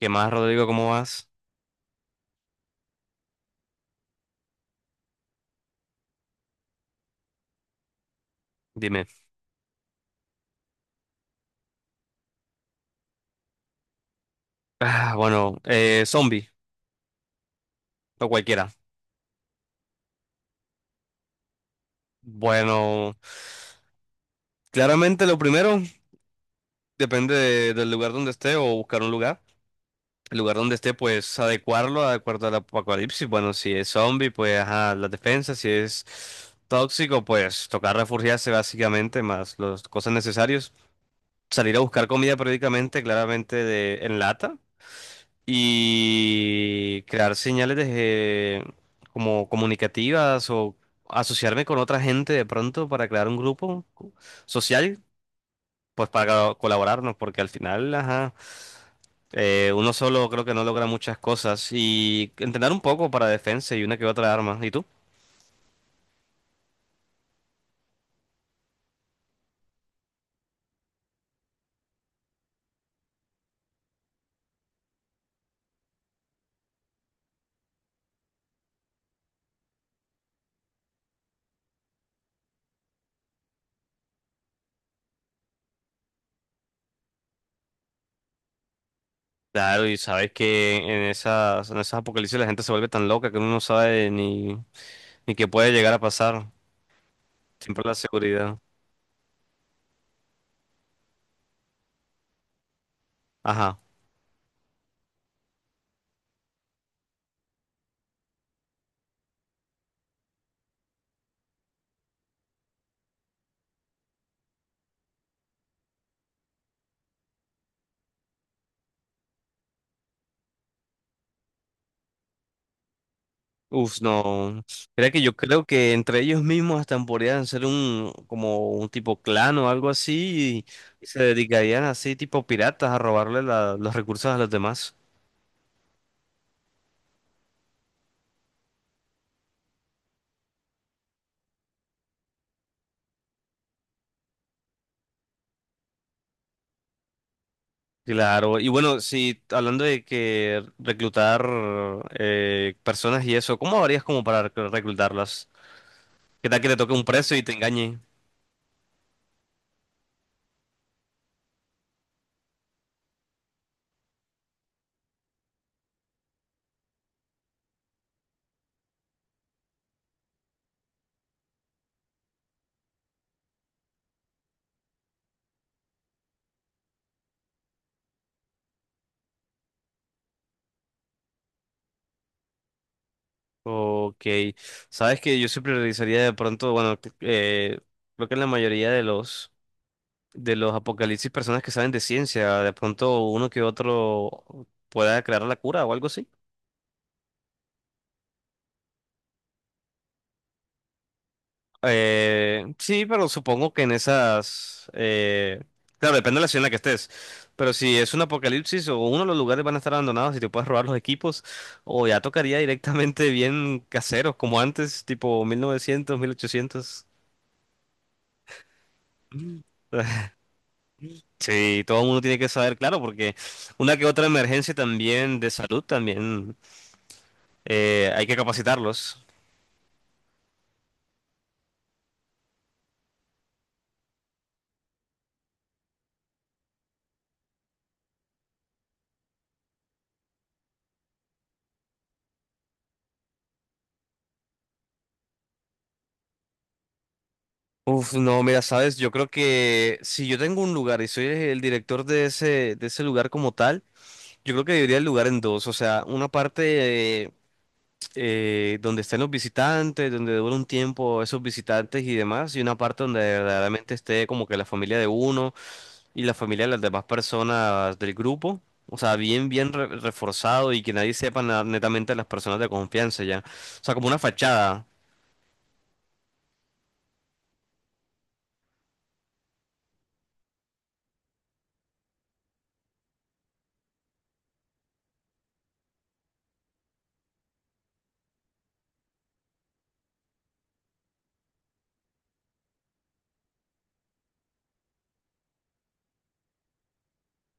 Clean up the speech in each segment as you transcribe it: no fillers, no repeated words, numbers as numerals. ¿Qué más, Rodrigo? ¿Cómo vas? Dime. Ah, bueno, zombie o cualquiera. Bueno, claramente lo primero depende del lugar donde esté o buscar un lugar. El lugar donde esté, pues adecuarlo, adecuarlo al apocalipsis. Bueno, si es zombie, pues ajá, las defensas. Si es tóxico, pues tocar refugiarse básicamente, más las cosas necesarias. Salir a buscar comida periódicamente, claramente de, en lata, y crear señales de, como comunicativas o asociarme con otra gente de pronto para crear un grupo social, pues para colaborarnos, porque al final, ajá, uno solo creo que no logra muchas cosas, y entrenar un poco para defensa y una que otra arma. ¿Y tú? Claro, y sabes que en esas apocalipsis la gente se vuelve tan loca que uno no sabe ni, ni qué puede llegar a pasar. Siempre la seguridad. Ajá. Uf, no. Mira que yo creo que entre ellos mismos hasta podrían ser un como un tipo clan o algo así, y se dedicarían así tipo piratas a robarle los recursos a los demás. Claro. Y bueno, si hablando de que reclutar, personas y eso, ¿cómo harías como para reclutarlas? ¿Qué tal que te toque un preso y te engañe? Ok. Sabes que yo siempre realizaría de pronto, bueno, creo que en la mayoría de los apocalipsis personas que saben de ciencia, de pronto uno que otro pueda crear la cura o algo así. Sí, pero supongo que en esas... claro, depende de la ciudad en la que estés. Pero si es un apocalipsis, o uno de los lugares van a estar abandonados y te puedes robar los equipos, o ya tocaría directamente bien caseros, como antes, tipo 1900, 1800. Sí, todo el mundo tiene que saber, claro, porque una que otra emergencia también de salud también, hay que capacitarlos. Uf, no, mira, sabes, yo creo que si yo tengo un lugar y soy el director de ese lugar como tal, yo creo que dividiría el lugar en dos, o sea, una parte, donde estén los visitantes, donde dure un tiempo esos visitantes y demás, y una parte donde verdaderamente esté como que la familia de uno y la familia de las demás personas del grupo, o sea, bien, bien reforzado, y que nadie sepa netamente las personas de confianza ya, o sea, como una fachada.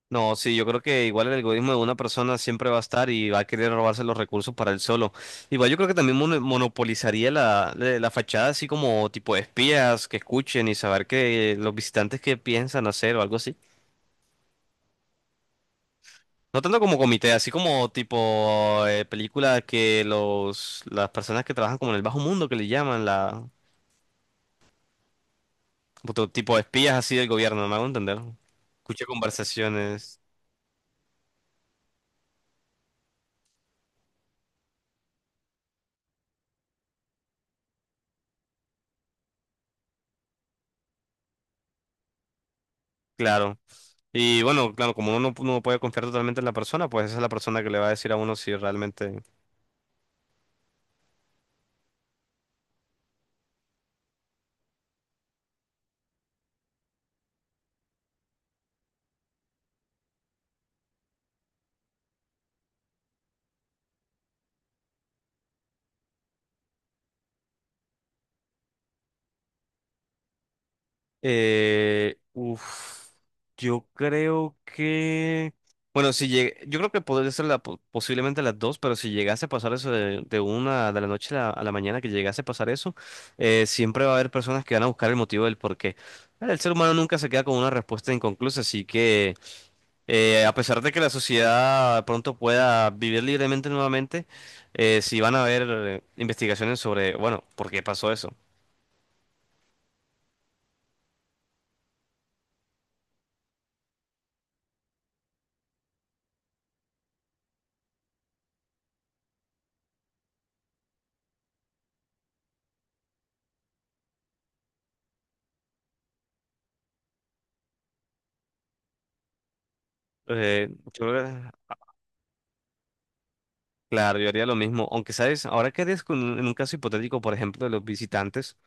No, sí, yo creo que igual el egoísmo de una persona siempre va a estar y va a querer robarse los recursos para él solo. Igual yo creo que también monopolizaría la, la fachada así como tipo de espías que escuchen y saber que los visitantes que piensan hacer o algo así. No tanto como comité, así como tipo película que los las personas que trabajan como en el bajo mundo que le llaman la otro tipo de espías así del gobierno, me hago entender. Escucha conversaciones, claro. Y bueno, claro, como uno no, no puede confiar totalmente en la persona, pues esa es la persona que le va a decir a uno si realmente... Eh, uf, yo creo que... Bueno, si llegue, yo creo que podría ser la, posiblemente las dos, pero si llegase a pasar eso de una de la noche a la mañana, que llegase a pasar eso, siempre va a haber personas que van a buscar el motivo del por qué. El ser humano nunca se queda con una respuesta inconclusa, así que... a pesar de que la sociedad pronto pueda vivir libremente nuevamente, sí van a haber investigaciones sobre, bueno, ¿por qué pasó eso? Eh, yo creo que- claro, yo haría lo mismo, aunque, ¿sabes? Ahora, ¿qué harías con, en un caso hipotético, por ejemplo, de los visitantes?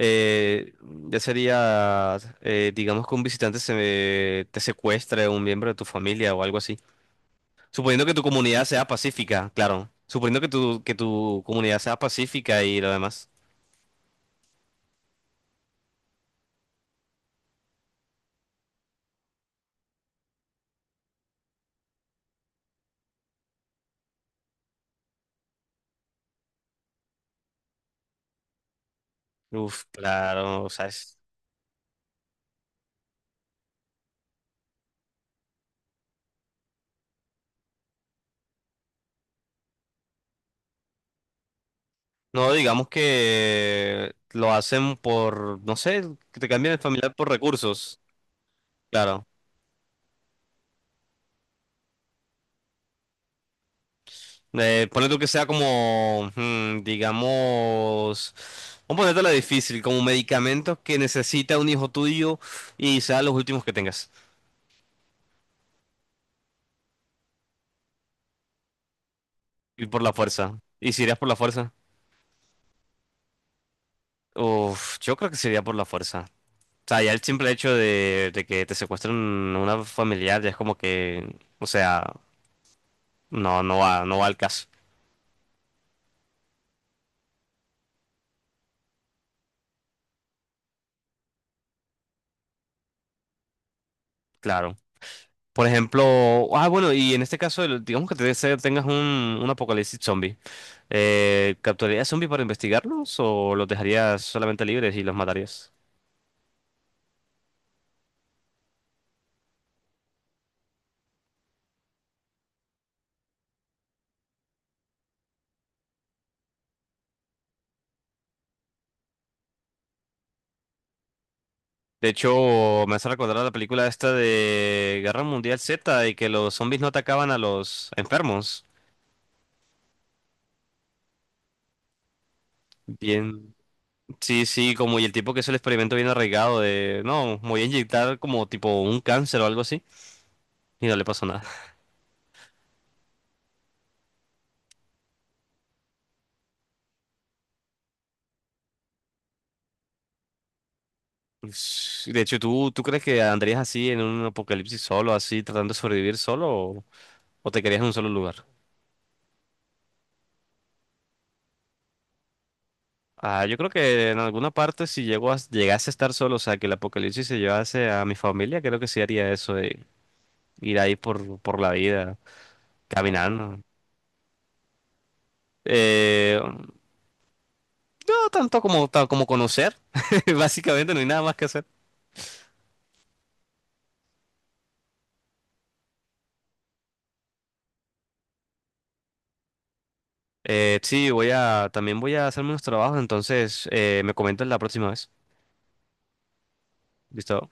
Eh, ya sería, digamos que un visitante se, te secuestre un miembro de tu familia o algo así. Suponiendo que tu comunidad sea pacífica, claro. Suponiendo que tu comunidad sea pacífica y lo demás. Uf, claro, ¿sabes? No, digamos que lo hacen por, no sé, que te cambian el familiar por recursos, claro. Ponle tú que sea como, digamos, vamos a ponértela difícil, como medicamentos que necesita un hijo tuyo y sean los últimos que tengas. Y por la fuerza. ¿Y si irías por la fuerza? Uf, yo creo que sería por la fuerza. O sea, ya el simple hecho de que te secuestren una familiar ya es como que, o sea, no, no va, no va al caso, claro. Por ejemplo, ah, bueno, y en este caso, digamos que tengas un apocalipsis zombie, ¿capturarías zombies para investigarlos o los dejarías solamente libres y los matarías? De hecho, me hace recordar a la película esta de Guerra Mundial Z, y que los zombies no atacaban a los enfermos. Bien, sí, sí, como y el tipo que hizo el experimento bien arraigado de, no, me voy a inyectar como tipo un cáncer o algo así, y no le pasó nada. Ush, de hecho, ¿tú, tú crees que andarías así en un apocalipsis solo, así tratando de sobrevivir solo, o te quedarías en un solo lugar? Ah, yo creo que en alguna parte si llego a, llegase a estar solo, o sea, que el apocalipsis se llevase a mi familia, creo que sí haría eso de ir ahí por la vida, caminando. No tanto como, como conocer, básicamente no hay nada más que hacer. Sí, voy a, también voy a hacerme unos trabajos, entonces me comentas la próxima vez. ¿Listo?